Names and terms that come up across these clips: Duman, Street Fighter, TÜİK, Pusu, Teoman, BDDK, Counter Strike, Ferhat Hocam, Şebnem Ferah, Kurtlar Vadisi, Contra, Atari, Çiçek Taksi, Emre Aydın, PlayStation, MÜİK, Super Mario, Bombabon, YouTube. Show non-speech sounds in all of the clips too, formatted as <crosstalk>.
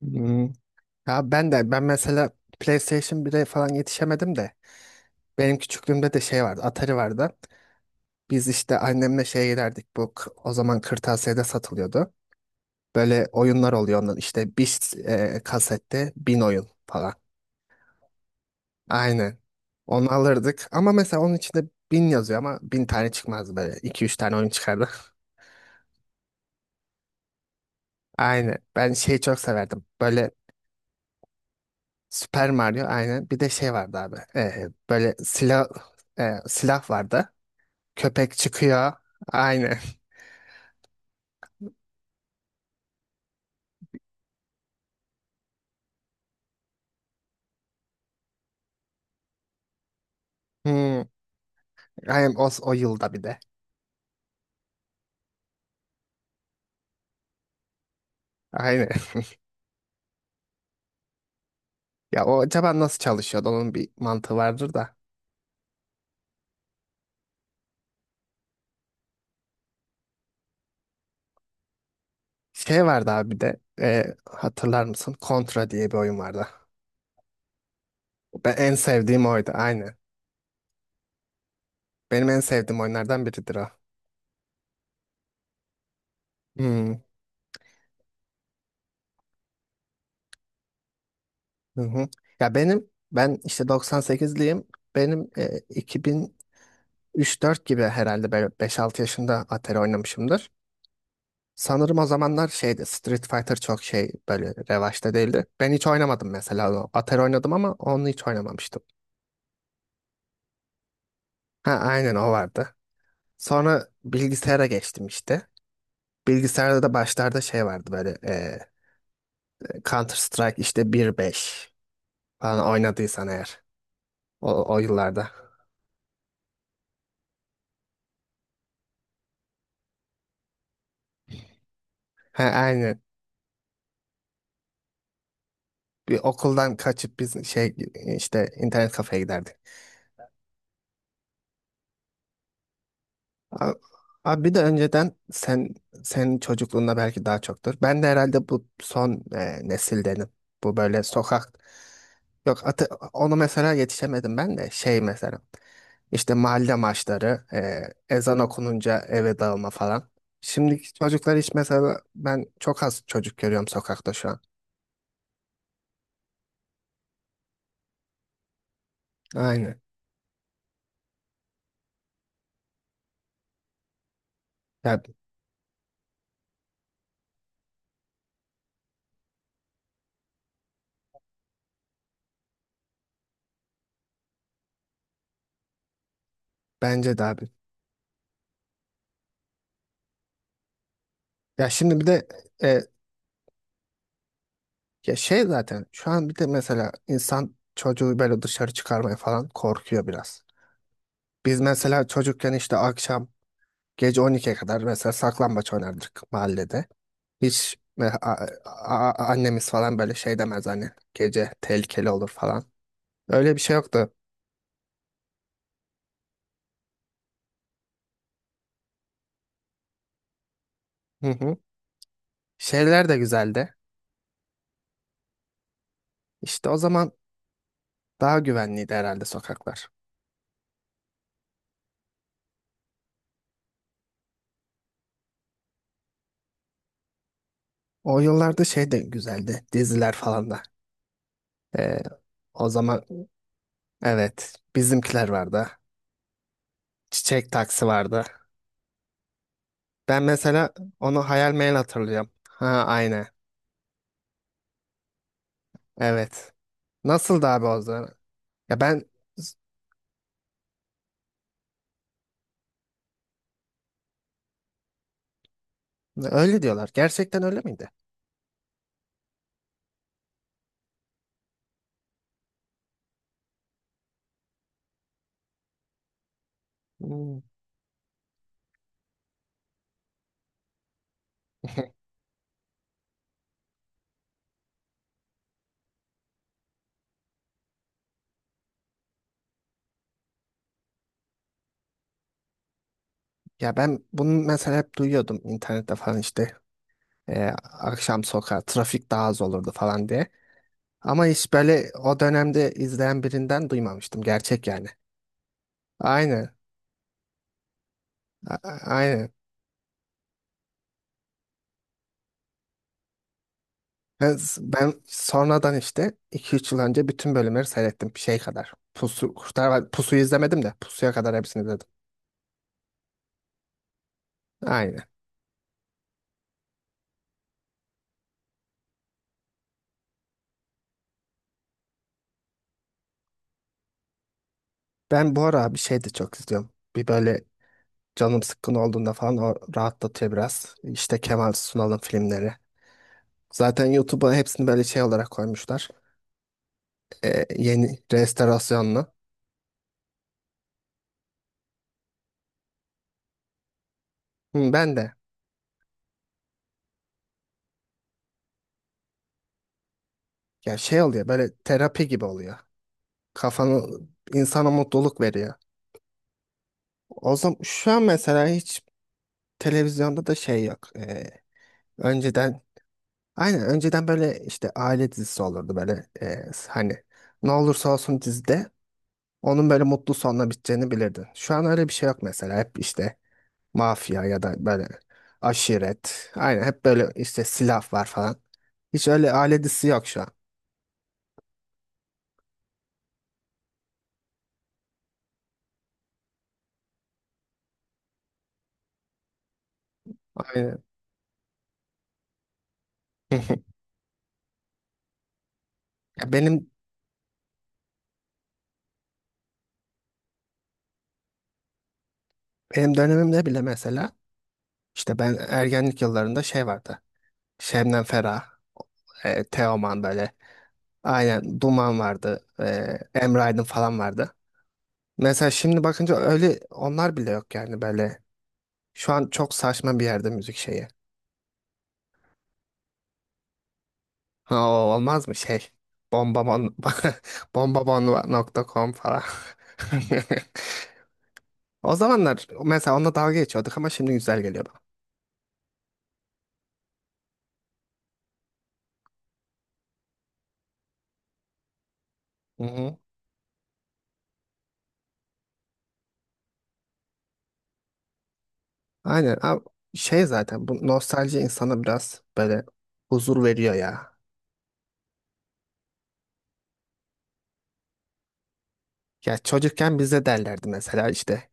Hmm. Ya, ben de, ben mesela PlayStation 1'e falan yetişemedim de benim küçüklüğümde de şey vardı, Atari vardı. Biz işte annemle şeye giderdik, o zaman kırtasiyede satılıyordu. Böyle oyunlar oluyor, onların işte bir kasette 1.000 oyun falan. Aynen. Onu alırdık. Ama mesela onun içinde 1.000 yazıyor ama 1.000 tane çıkmazdı böyle. İki üç tane oyun çıkardı. <laughs> Aynen. Ben şeyi çok severdim. Böyle Super Mario, aynen. Bir de şey vardı abi. Böyle silah vardı. Köpek çıkıyor. Aynen. <laughs> Hmm. Aynen o yılda bir de. Aynen. <laughs> Ya, o acaba nasıl çalışıyordu? Onun bir mantığı vardır da. Şey vardı abi bir de. Hatırlar mısın? Contra diye bir oyun vardı. Ben en sevdiğim oydu. Aynen. Benim en sevdiğim oyunlardan biridir o. Hmm. Hı hı. Ya, ben işte 98'liyim. Benim 2003-4 gibi herhalde böyle 5-6 yaşında Atari oynamışımdır. Sanırım o zamanlar şeydi, Street Fighter çok şey böyle revaçta değildi. Ben hiç oynamadım mesela o. Atari oynadım ama onu hiç oynamamıştım. Ha, aynen, o vardı. Sonra bilgisayara geçtim işte. Bilgisayarda da başlarda şey vardı böyle, Counter Strike işte 1.5 falan oynadıysan eğer o yıllarda. Ha, aynen. Bir okuldan kaçıp biz şey, işte internet kafeye giderdik. A- Abi bir de önceden senin çocukluğunda belki daha çoktur. Ben de herhalde bu son nesildenim. Bu böyle sokak, yok, onu mesela yetişemedim ben de şey, mesela işte mahalle maçları, ezan okununca eve dağılma falan. Şimdiki çocuklar hiç mesela ben çok az çocuk görüyorum sokakta şu an. Aynen. Ya bence de abi. Ya şimdi bir de, e, ya, şey zaten şu an bir de mesela insan çocuğu böyle dışarı çıkarmaya falan korkuyor biraz. Biz mesela çocukken işte akşam gece 12'ye kadar mesela saklambaç oynardık mahallede. Hiç annemiz falan böyle şey demez hani, gece tehlikeli olur falan. Öyle bir şey yoktu. Hı hı. Şeyler de güzeldi. İşte o zaman daha güvenliydi herhalde sokaklar. O yıllarda şey de güzeldi. Diziler falan da. E, O zaman, evet, bizimkiler vardı. Çiçek taksi vardı. Ben mesela onu hayal meyal hatırlıyorum. Ha, aynen. Evet. Nasıldı abi o zaman? Ya, öyle diyorlar. Gerçekten öyle miydi? Hmm. <laughs> Ya, ben bunu mesela hep duyuyordum internette falan işte. Ee, Akşam sokağa trafik daha az olurdu falan diye. Ama hiç böyle o dönemde izleyen birinden duymamıştım. Gerçek yani. Aynen. A- a- Aynen. Ben sonradan işte iki üç yıl önce bütün bölümleri seyrettim. Şey kadar. Pusu, Pusu'yu izlemedim de Pusu'ya kadar hepsini izledim. Aynen. Ben bu ara bir şey de çok izliyorum. Bir böyle canım sıkkın olduğunda falan o rahatlatıyor biraz. İşte Kemal Sunal'ın filmleri. Zaten YouTube'a hepsini böyle şey olarak koymuşlar. Yeni restorasyonlu. Hı, ben de. Ya, şey oluyor, böyle terapi gibi oluyor. Kafanı insana mutluluk veriyor. O zaman şu an mesela hiç televizyonda da şey yok. Önceden, aynen önceden böyle işte aile dizisi olurdu böyle hani ne olursa olsun dizide onun böyle mutlu sonla biteceğini bilirdin. Şu an öyle bir şey yok mesela, hep işte mafya ya da böyle aşiret, aynen hep böyle işte silah var falan. Hiç öyle aile dizisi yok şu an. Aynen. <laughs> Ya, benim dönemimde bile mesela işte ben ergenlik yıllarında şey vardı. Şebnem Ferah, Teoman, böyle aynen Duman vardı, Emre Aydın falan vardı. Mesela şimdi bakınca öyle onlar bile yok yani böyle. Şu an çok saçma bir yerde müzik şeyi. Ha, o olmaz mı şey? Bombabon <laughs> bombabon.com falan. <laughs> O zamanlar mesela onunla dalga geçiyorduk ama şimdi güzel geliyor bana. Hı hı. Aynen. Abi, şey zaten bu nostalji insana biraz böyle huzur veriyor ya. Ya, çocukken bize derlerdi mesela işte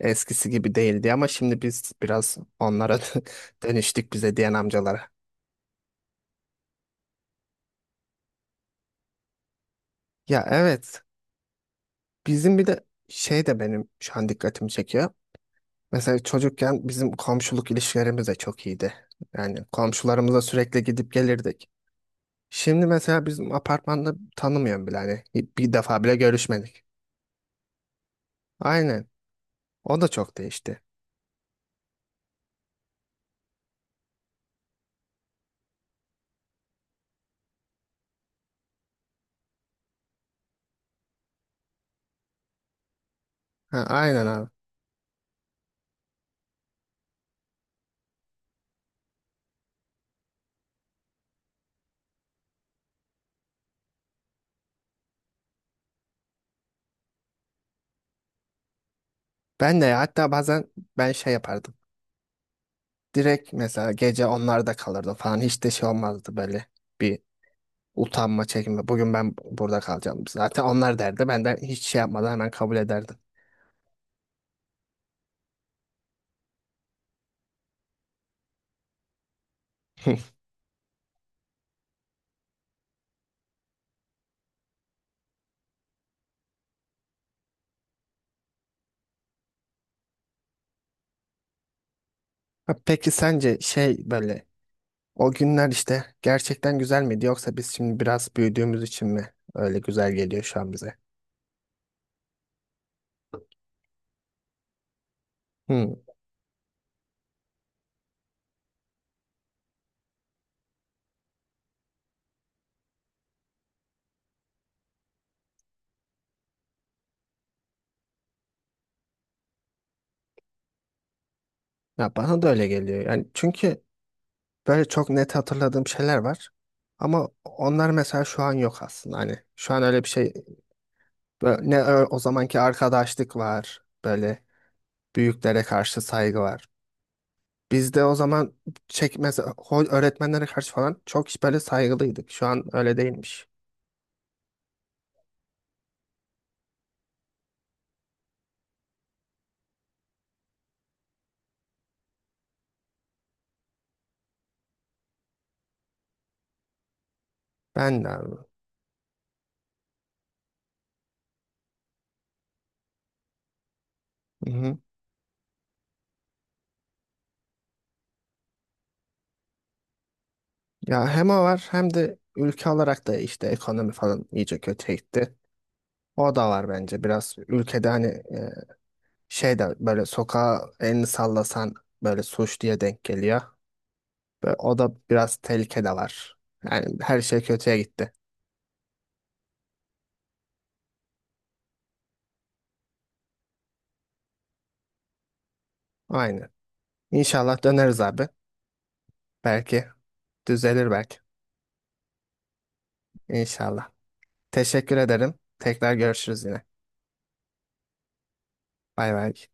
eskisi gibi değildi ama şimdi biz biraz onlara <laughs> dönüştük, bize diyen amcalara. Ya, evet. Bizim bir de şey de benim şu an dikkatimi çekiyor. Mesela çocukken bizim komşuluk ilişkilerimiz de çok iyiydi. Yani komşularımıza sürekli gidip gelirdik. Şimdi mesela bizim apartmanda tanımıyorum bile hani, bir defa bile görüşmedik. Aynen. O da çok değişti. Ha, aynen abi. Ben de ya, hatta bazen ben şey yapardım. Direkt mesela gece onlarda kalırdım falan, hiç de şey olmazdı böyle bir utanma çekinme. Bugün ben burada kalacağım. Zaten onlar derdi. Ben de hiç şey yapmadan hemen kabul ederdim. <laughs> Ha, peki sence şey böyle, o günler işte gerçekten güzel miydi yoksa biz şimdi biraz büyüdüğümüz için mi öyle güzel geliyor şu an bize? Hmm. Ya, bana da öyle geliyor. Yani çünkü böyle çok net hatırladığım şeyler var. Ama onlar mesela şu an yok aslında. Hani şu an öyle bir şey, böyle ne o zamanki arkadaşlık var. Böyle büyüklere karşı saygı var. Biz de o zaman çekmez, öğretmenlere karşı falan çok böyle saygılıydık. Şu an öyle değilmiş. Ben de abi. Ya, hem o var hem de ülke olarak da işte ekonomi falan iyice kötüye gitti. O da var bence, biraz ülkede hani şey de böyle, sokağa elini sallasan böyle suç diye denk geliyor. Ve o da, biraz tehlike de var. Yani her şey kötüye gitti. Aynen. İnşallah döneriz abi. Belki düzelir belki. İnşallah. Teşekkür ederim. Tekrar görüşürüz yine. Bay bay.